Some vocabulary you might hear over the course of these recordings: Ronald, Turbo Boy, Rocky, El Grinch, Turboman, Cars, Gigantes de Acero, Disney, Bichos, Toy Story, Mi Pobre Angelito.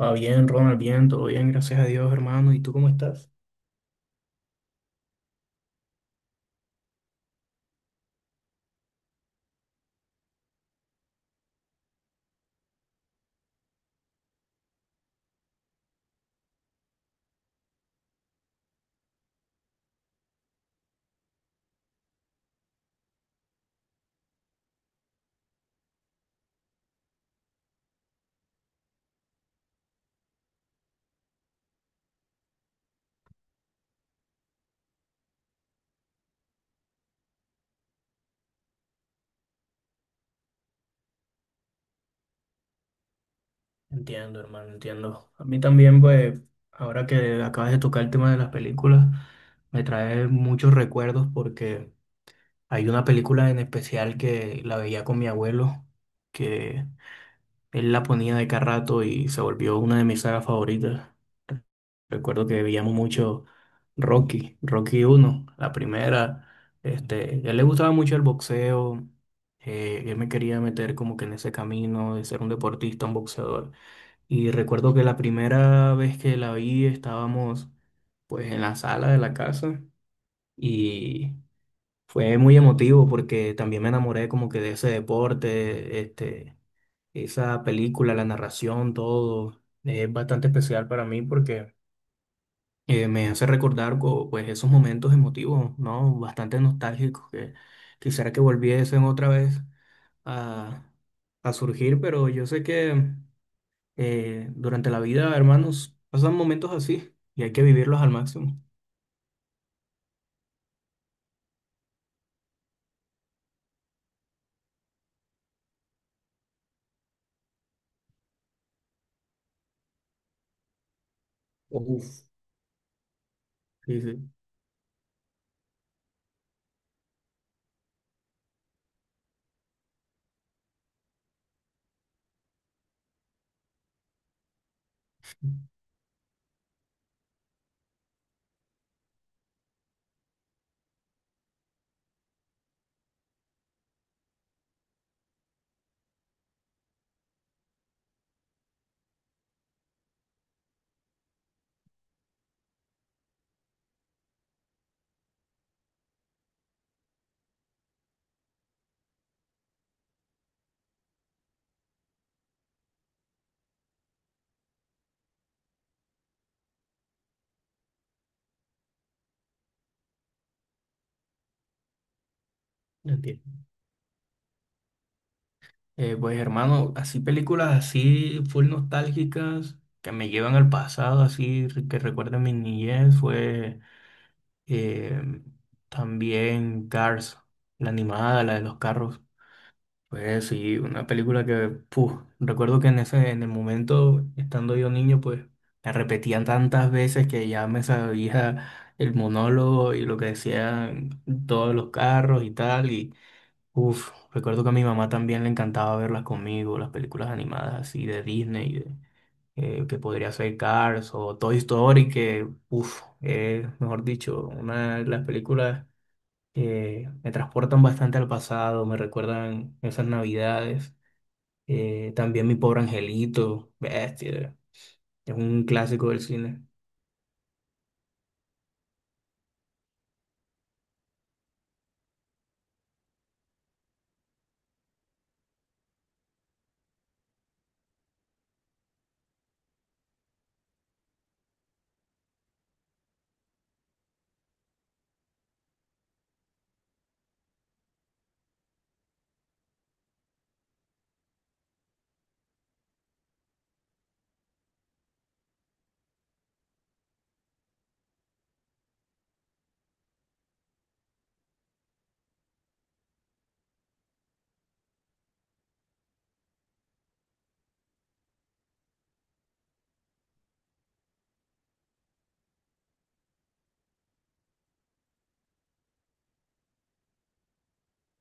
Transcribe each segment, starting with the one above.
Va bien, Ronald, bien, todo bien, gracias a Dios, hermano. ¿Y tú cómo estás? Entiendo, hermano, entiendo. A mí también, pues, ahora que acabas de tocar el tema de las películas, me trae muchos recuerdos porque hay una película en especial que la veía con mi abuelo, que él la ponía de cada rato y se volvió una de mis sagas favoritas. Recuerdo que veíamos mucho Rocky, Rocky uno, la primera. Este, a él le gustaba mucho el boxeo. Él me quería meter como que en ese camino de ser un deportista, un boxeador. Y recuerdo que la primera vez que la vi estábamos pues en la sala de la casa y fue muy emotivo porque también me enamoré como que de ese deporte, este esa película, la narración, todo es bastante especial para mí porque me hace recordar pues, esos momentos emotivos, ¿no? Bastante nostálgicos que quisiera que volviesen otra vez a, a surgir, pero yo sé que durante la vida, hermanos, pasan momentos así y hay que vivirlos al máximo. Uf, sí, sí, entiendo. Pues hermano, así películas así full nostálgicas que me llevan al pasado, así que recuerden mi niñez, fue eh, también Cars, la animada, la de los carros. Pues sí, una película que, puf, recuerdo que en ese, en el momento, estando yo niño, pues la repetían tantas veces que ya me sabía el monólogo y lo que decían todos los carros y tal. Uf, recuerdo que a mi mamá también le encantaba verlas conmigo, las películas animadas así de Disney, de- que podría ser Cars o Toy Story, que, uf, es, mejor dicho, una de las películas que me transportan bastante al pasado, me recuerdan esas navidades. También Mi Pobre Angelito, bestia, es un clásico del cine.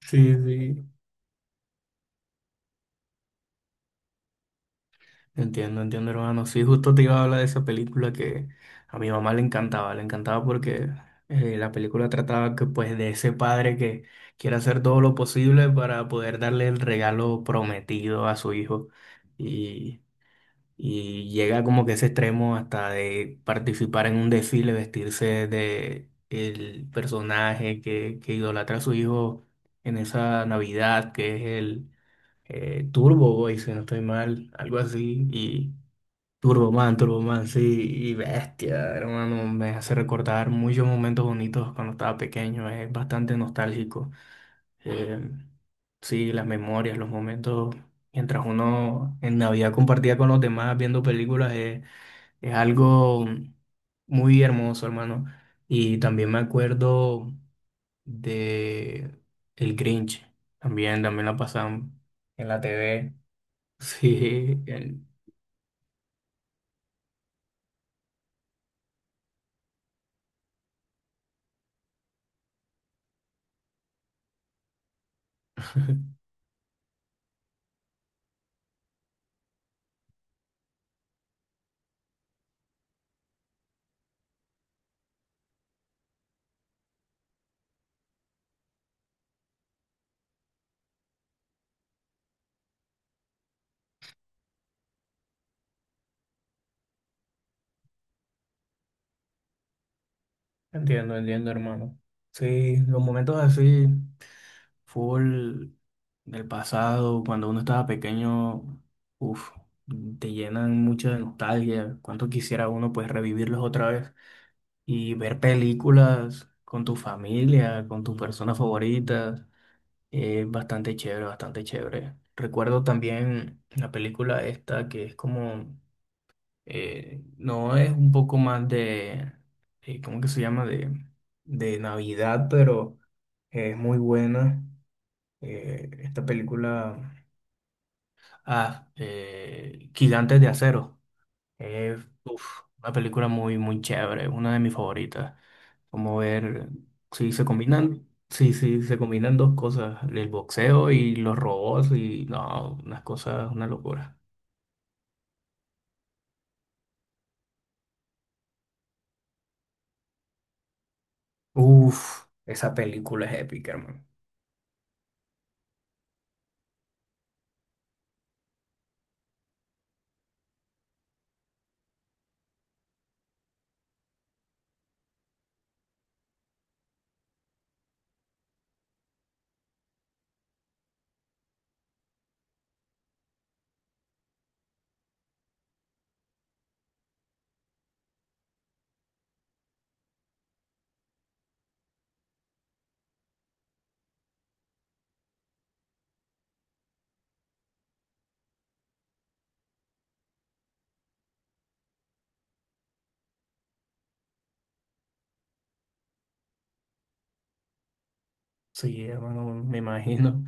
Sí, sí. Entiendo, entiendo, hermano. Sí, justo te iba a hablar de esa película que a mi mamá le encantaba porque la película trataba que, pues, de ese padre que quiere hacer todo lo posible para poder darle el regalo prometido a su hijo y, y llega como que a ese extremo hasta de participar en un desfile, vestirse de el personaje que idolatra a su hijo en esa Navidad que es el Turbo Boy, si no estoy mal, algo así. Y Turboman, Turboman, sí, y bestia, hermano, me hace recordar muchos momentos bonitos cuando estaba pequeño, es bastante nostálgico. Eh, sí, las memorias, los momentos, mientras uno en Navidad compartía con los demás viendo películas, es algo muy hermoso, hermano. Y también me acuerdo de El Grinch, también, también la pasaban en la TV. Sí, el. Entiendo, entiendo, hermano. Sí, los momentos así, full del pasado, cuando uno estaba pequeño, uff, te llenan mucha de nostalgia. Cuánto quisiera uno pues revivirlos otra vez y ver películas con tu familia, con tus personas favoritas, es bastante chévere, bastante chévere. Recuerdo también la película esta que es como no es un poco más de, ¿cómo que se llama? De Navidad, pero es muy buena. Esta película, Gigantes de Acero. Es uf, una película muy, muy chévere, una de mis favoritas. Como ver si se combinan, si se combinan dos cosas, el boxeo y los robots, y no, unas cosas, una locura. Uf, esa película es épica, hermano. Sí, hermano, me imagino.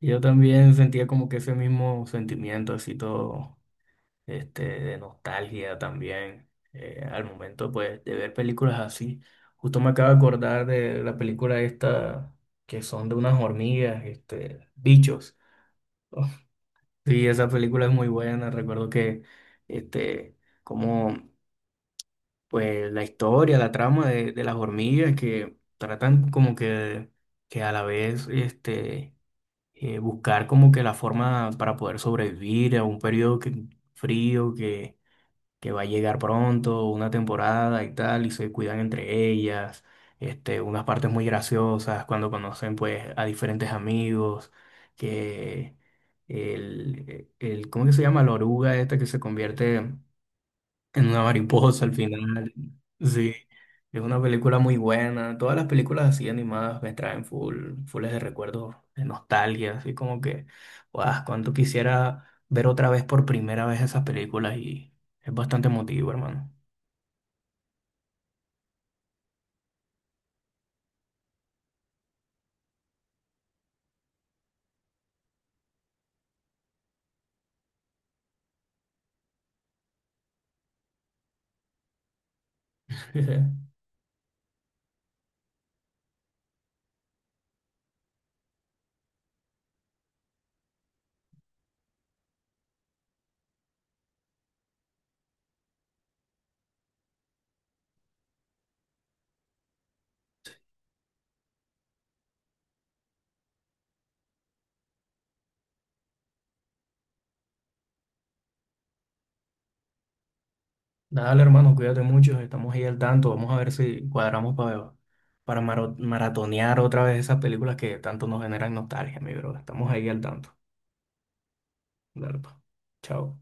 Yo también sentía como que ese mismo sentimiento, así todo, este, de nostalgia también, al momento, pues, de ver películas así. Justo me acabo de acordar de la película esta, que son de unas hormigas, este, bichos. Oh, sí, esa película es muy buena. Recuerdo que, este, como, pues, la historia, la trama de las hormigas que tratan como que a la vez, este buscar como que la forma para poder sobrevivir a un periodo frío que va a llegar pronto, una temporada y tal, y se cuidan entre ellas, este, unas partes muy graciosas cuando conocen pues a diferentes amigos, que el ¿cómo que se llama? La oruga esta que se convierte en una mariposa al final. Sí, es una película muy buena. Todas las películas así animadas me traen full, fulles de recuerdos, de nostalgia, así como que, guau, cuánto quisiera ver otra vez por primera vez esas películas y es bastante emotivo, hermano. Dale, hermano, cuídate mucho, estamos ahí al tanto. Vamos a ver si cuadramos para, maratonear otra vez esas películas que tanto nos generan nostalgia, mi bro. Estamos ahí al tanto. Dale, pa. Chao.